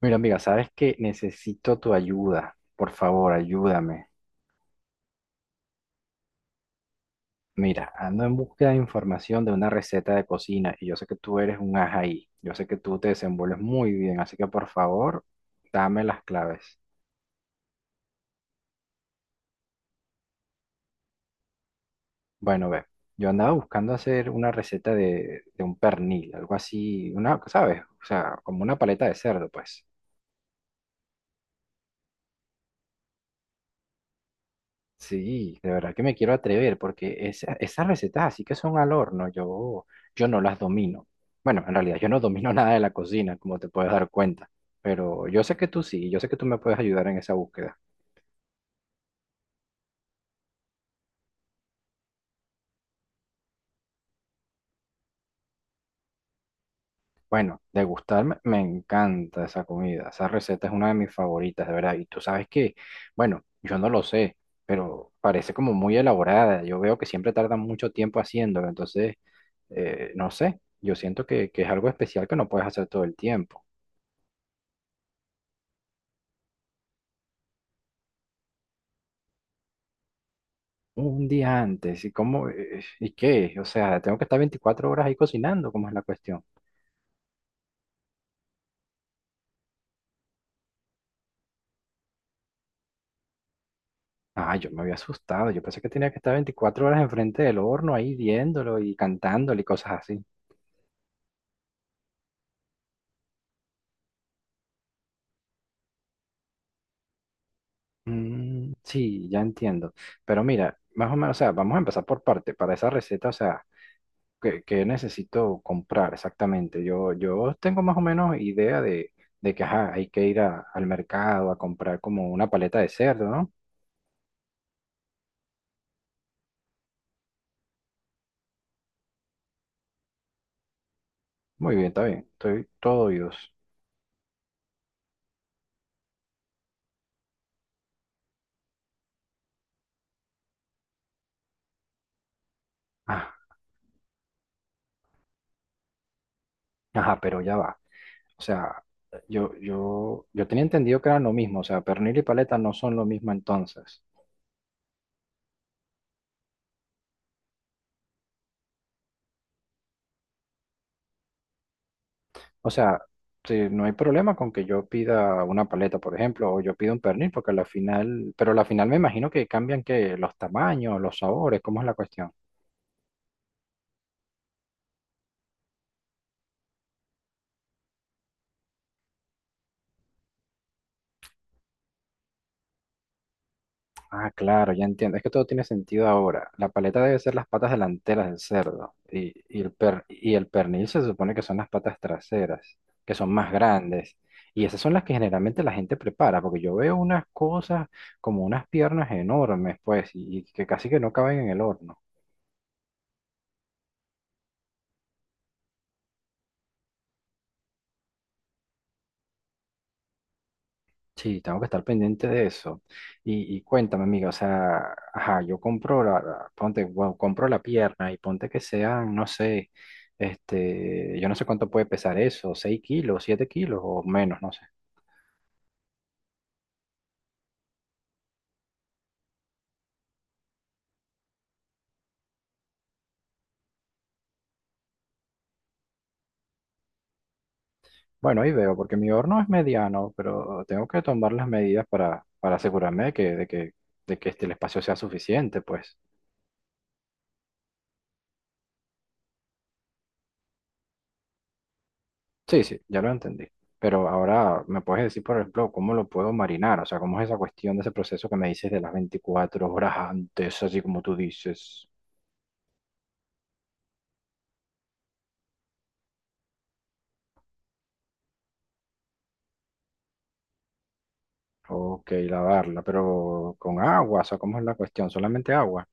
Mira, amiga, sabes que necesito tu ayuda. Por favor, ayúdame. Mira, ando en búsqueda de información de una receta de cocina y yo sé que tú eres un as ahí. Yo sé que tú te desenvuelves muy bien, así que por favor, dame las claves. Bueno, ve, yo andaba buscando hacer una receta de un pernil, algo así, una, ¿sabes? O sea, como una paleta de cerdo, pues. Sí, de verdad que me quiero atrever porque esas recetas así que son al horno, yo no las domino. Bueno, en realidad yo no domino nada de la cocina, como te puedes dar cuenta, pero yo sé que tú sí, yo sé que tú me puedes ayudar en esa búsqueda. Bueno, degustarme, me encanta esa comida, esa receta es una de mis favoritas, de verdad. Y tú sabes que, bueno, yo no lo sé, pero parece como muy elaborada. Yo veo que siempre tardan mucho tiempo haciéndolo, entonces, no sé, yo siento que, es algo especial que no puedes hacer todo el tiempo. Un día antes, ¿y cómo? ¿Y qué? O sea, tengo que estar 24 horas ahí cocinando, ¿cómo es la cuestión? Ah, yo me había asustado, yo pensé que tenía que estar 24 horas enfrente del horno ahí viéndolo y cantándolo y cosas así. Mm, sí, ya entiendo. Pero mira, más o menos, o sea, vamos a empezar por parte, para esa receta, o sea, ¿qué, qué necesito comprar exactamente? Yo tengo más o menos idea de que, ajá, hay que ir al mercado a comprar como una paleta de cerdo, ¿no? Muy bien, está bien, estoy todo oídos. Ah, ajá, pero ya va. O sea, yo tenía entendido que eran lo mismo. O sea, pernil y paleta no son lo mismo entonces. O sea, sí, no hay problema con que yo pida una paleta, por ejemplo, o yo pido un pernil, porque a la final, pero a la final me imagino que cambian que los tamaños, los sabores, ¿cómo es la cuestión? Ah, claro, ya entiendo. Es que todo tiene sentido ahora. La paleta debe ser las patas delanteras del cerdo y el per- y el pernil se supone que son las patas traseras, que son más grandes. Y esas son las que generalmente la gente prepara, porque yo veo unas cosas como unas piernas enormes, pues, y que casi que no caben en el horno. Sí, tengo que estar pendiente de eso. Y cuéntame, amiga, o sea, ajá, yo compro la, ponte, bueno, compro la pierna y ponte que sean, no sé, yo no sé cuánto puede pesar eso, 6 kilos, 7 kilos o menos, no sé. Bueno, ahí veo, porque mi horno es mediano, pero tengo que tomar las medidas para, asegurarme de que el espacio sea suficiente, pues. Sí, sí, ya lo entendí. Pero ahora, ¿me puedes decir, por ejemplo, cómo lo puedo marinar? O sea, ¿cómo es esa cuestión de ese proceso que me dices de las 24 horas antes, así como tú dices? Ok, lavarla, pero con agua, o sea, ¿cómo es la cuestión? ¿Solamente agua?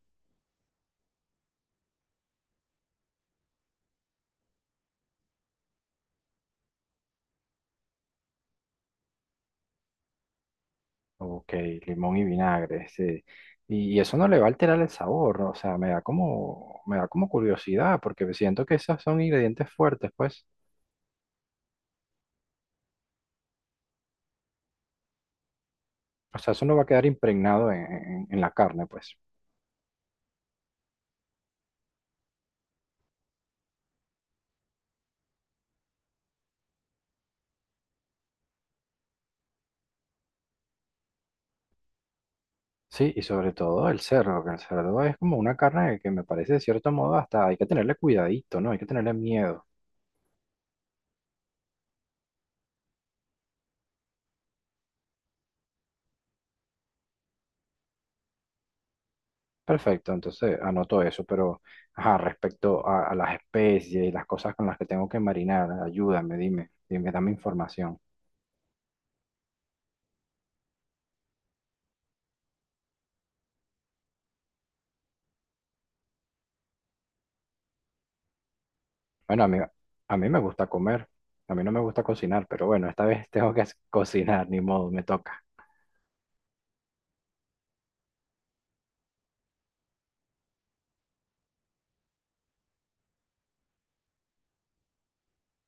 Ok, limón y vinagre, sí. Y eso no le va a alterar el sabor, ¿no? O sea, me da como curiosidad, porque siento que esos son ingredientes fuertes, pues. O sea, eso no va a quedar impregnado en, en la carne, pues. Sí, y sobre todo el cerdo, que el cerdo es como una carne que me parece de cierto modo hasta hay que tenerle cuidadito, ¿no? Hay que tenerle miedo. Perfecto, entonces anoto eso, pero ajá, respecto a las especies y las cosas con las que tengo que marinar, ayúdame, dime, dime, dame información. Bueno, a mí me gusta comer, a mí no me gusta cocinar, pero bueno, esta vez tengo que cocinar, ni modo, me toca.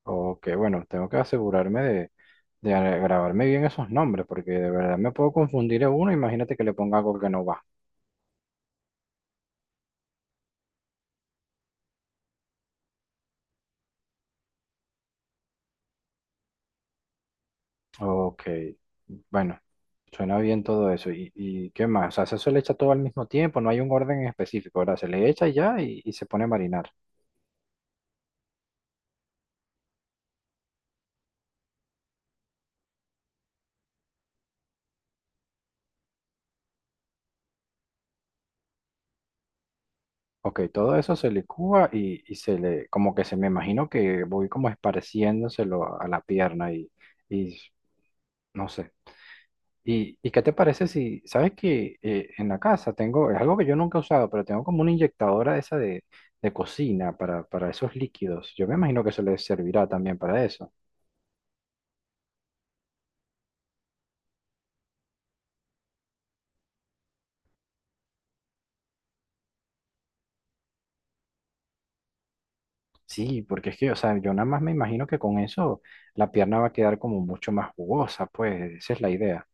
O que bueno, tengo que asegurarme de, grabarme bien esos nombres, porque de verdad me puedo confundir a uno, imagínate que le ponga algo que no va. Ok, bueno, suena bien todo eso. Y qué más? O sea, eso se le echa todo al mismo tiempo, no hay un orden en específico, ¿verdad? Se le echa y ya y se pone a marinar. Ok, todo eso se licúa y, se le, como que se me imagino que voy como esparciéndoselo a la pierna y no sé. ¿Y qué te parece si, sabes que en la casa tengo, es algo que yo nunca he usado, pero tengo como una inyectadora esa de, cocina para esos líquidos. Yo me imagino que eso le servirá también para eso. Sí, porque es que, o sea, yo nada más me imagino que con eso la pierna va a quedar como mucho más jugosa, pues esa es la idea.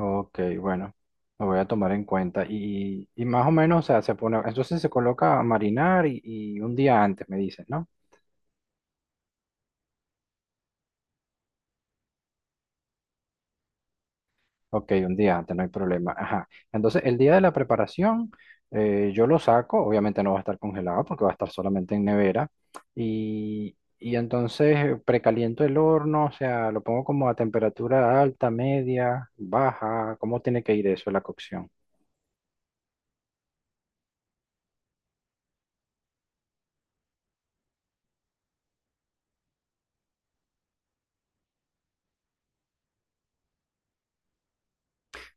Ok, bueno, lo voy a tomar en cuenta. Y más o menos, o sea, se pone, entonces se coloca a marinar y un día antes, me dices, ¿no? Ok, un día antes, no hay problema. Ajá. Entonces, el día de la preparación, yo lo saco, obviamente no va a estar congelado porque va a estar solamente en nevera. Y entonces precaliento el horno, o sea, lo pongo como a temperatura alta, media, baja. ¿Cómo tiene que ir eso, la cocción?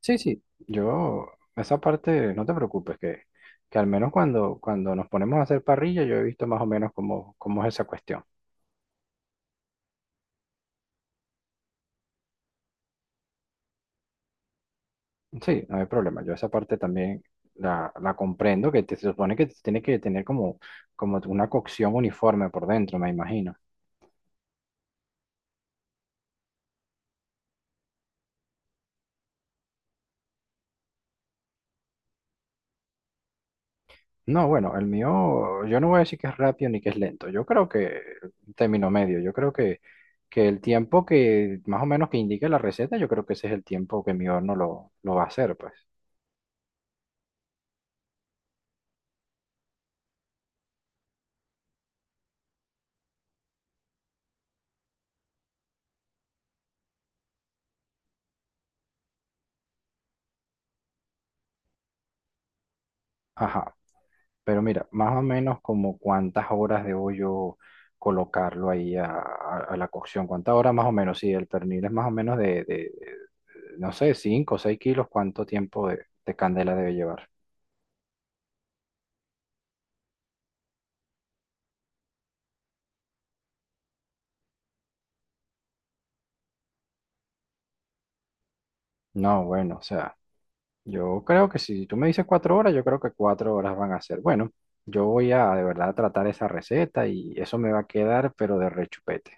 Sí, sí, esa parte, no te preocupes, que, al menos cuando nos ponemos a hacer parrilla, yo he visto más o menos cómo, es esa cuestión. Sí, no hay problema. Yo esa parte también la, comprendo, se supone que tiene que tener como una cocción uniforme por dentro, me imagino. No, bueno, el mío, yo no voy a decir que es rápido ni que es lento. Yo creo que término medio. Yo creo que, el tiempo que más o menos que indique la receta, yo creo que ese es el tiempo que mi horno lo va a hacer, pues. Ajá. Pero mira, más o menos como cuántas horas debo yo colocarlo ahí a, a la cocción, cuántas horas más o menos, si el pernil es más o menos de, no sé, 5 o 6 kilos, ¿cuánto tiempo de candela debe llevar? No, bueno, o sea, yo creo que si tú me dices 4 horas, yo creo que 4 horas van a ser. Bueno, yo voy a de verdad tratar esa receta y eso me va a quedar, pero de rechupete.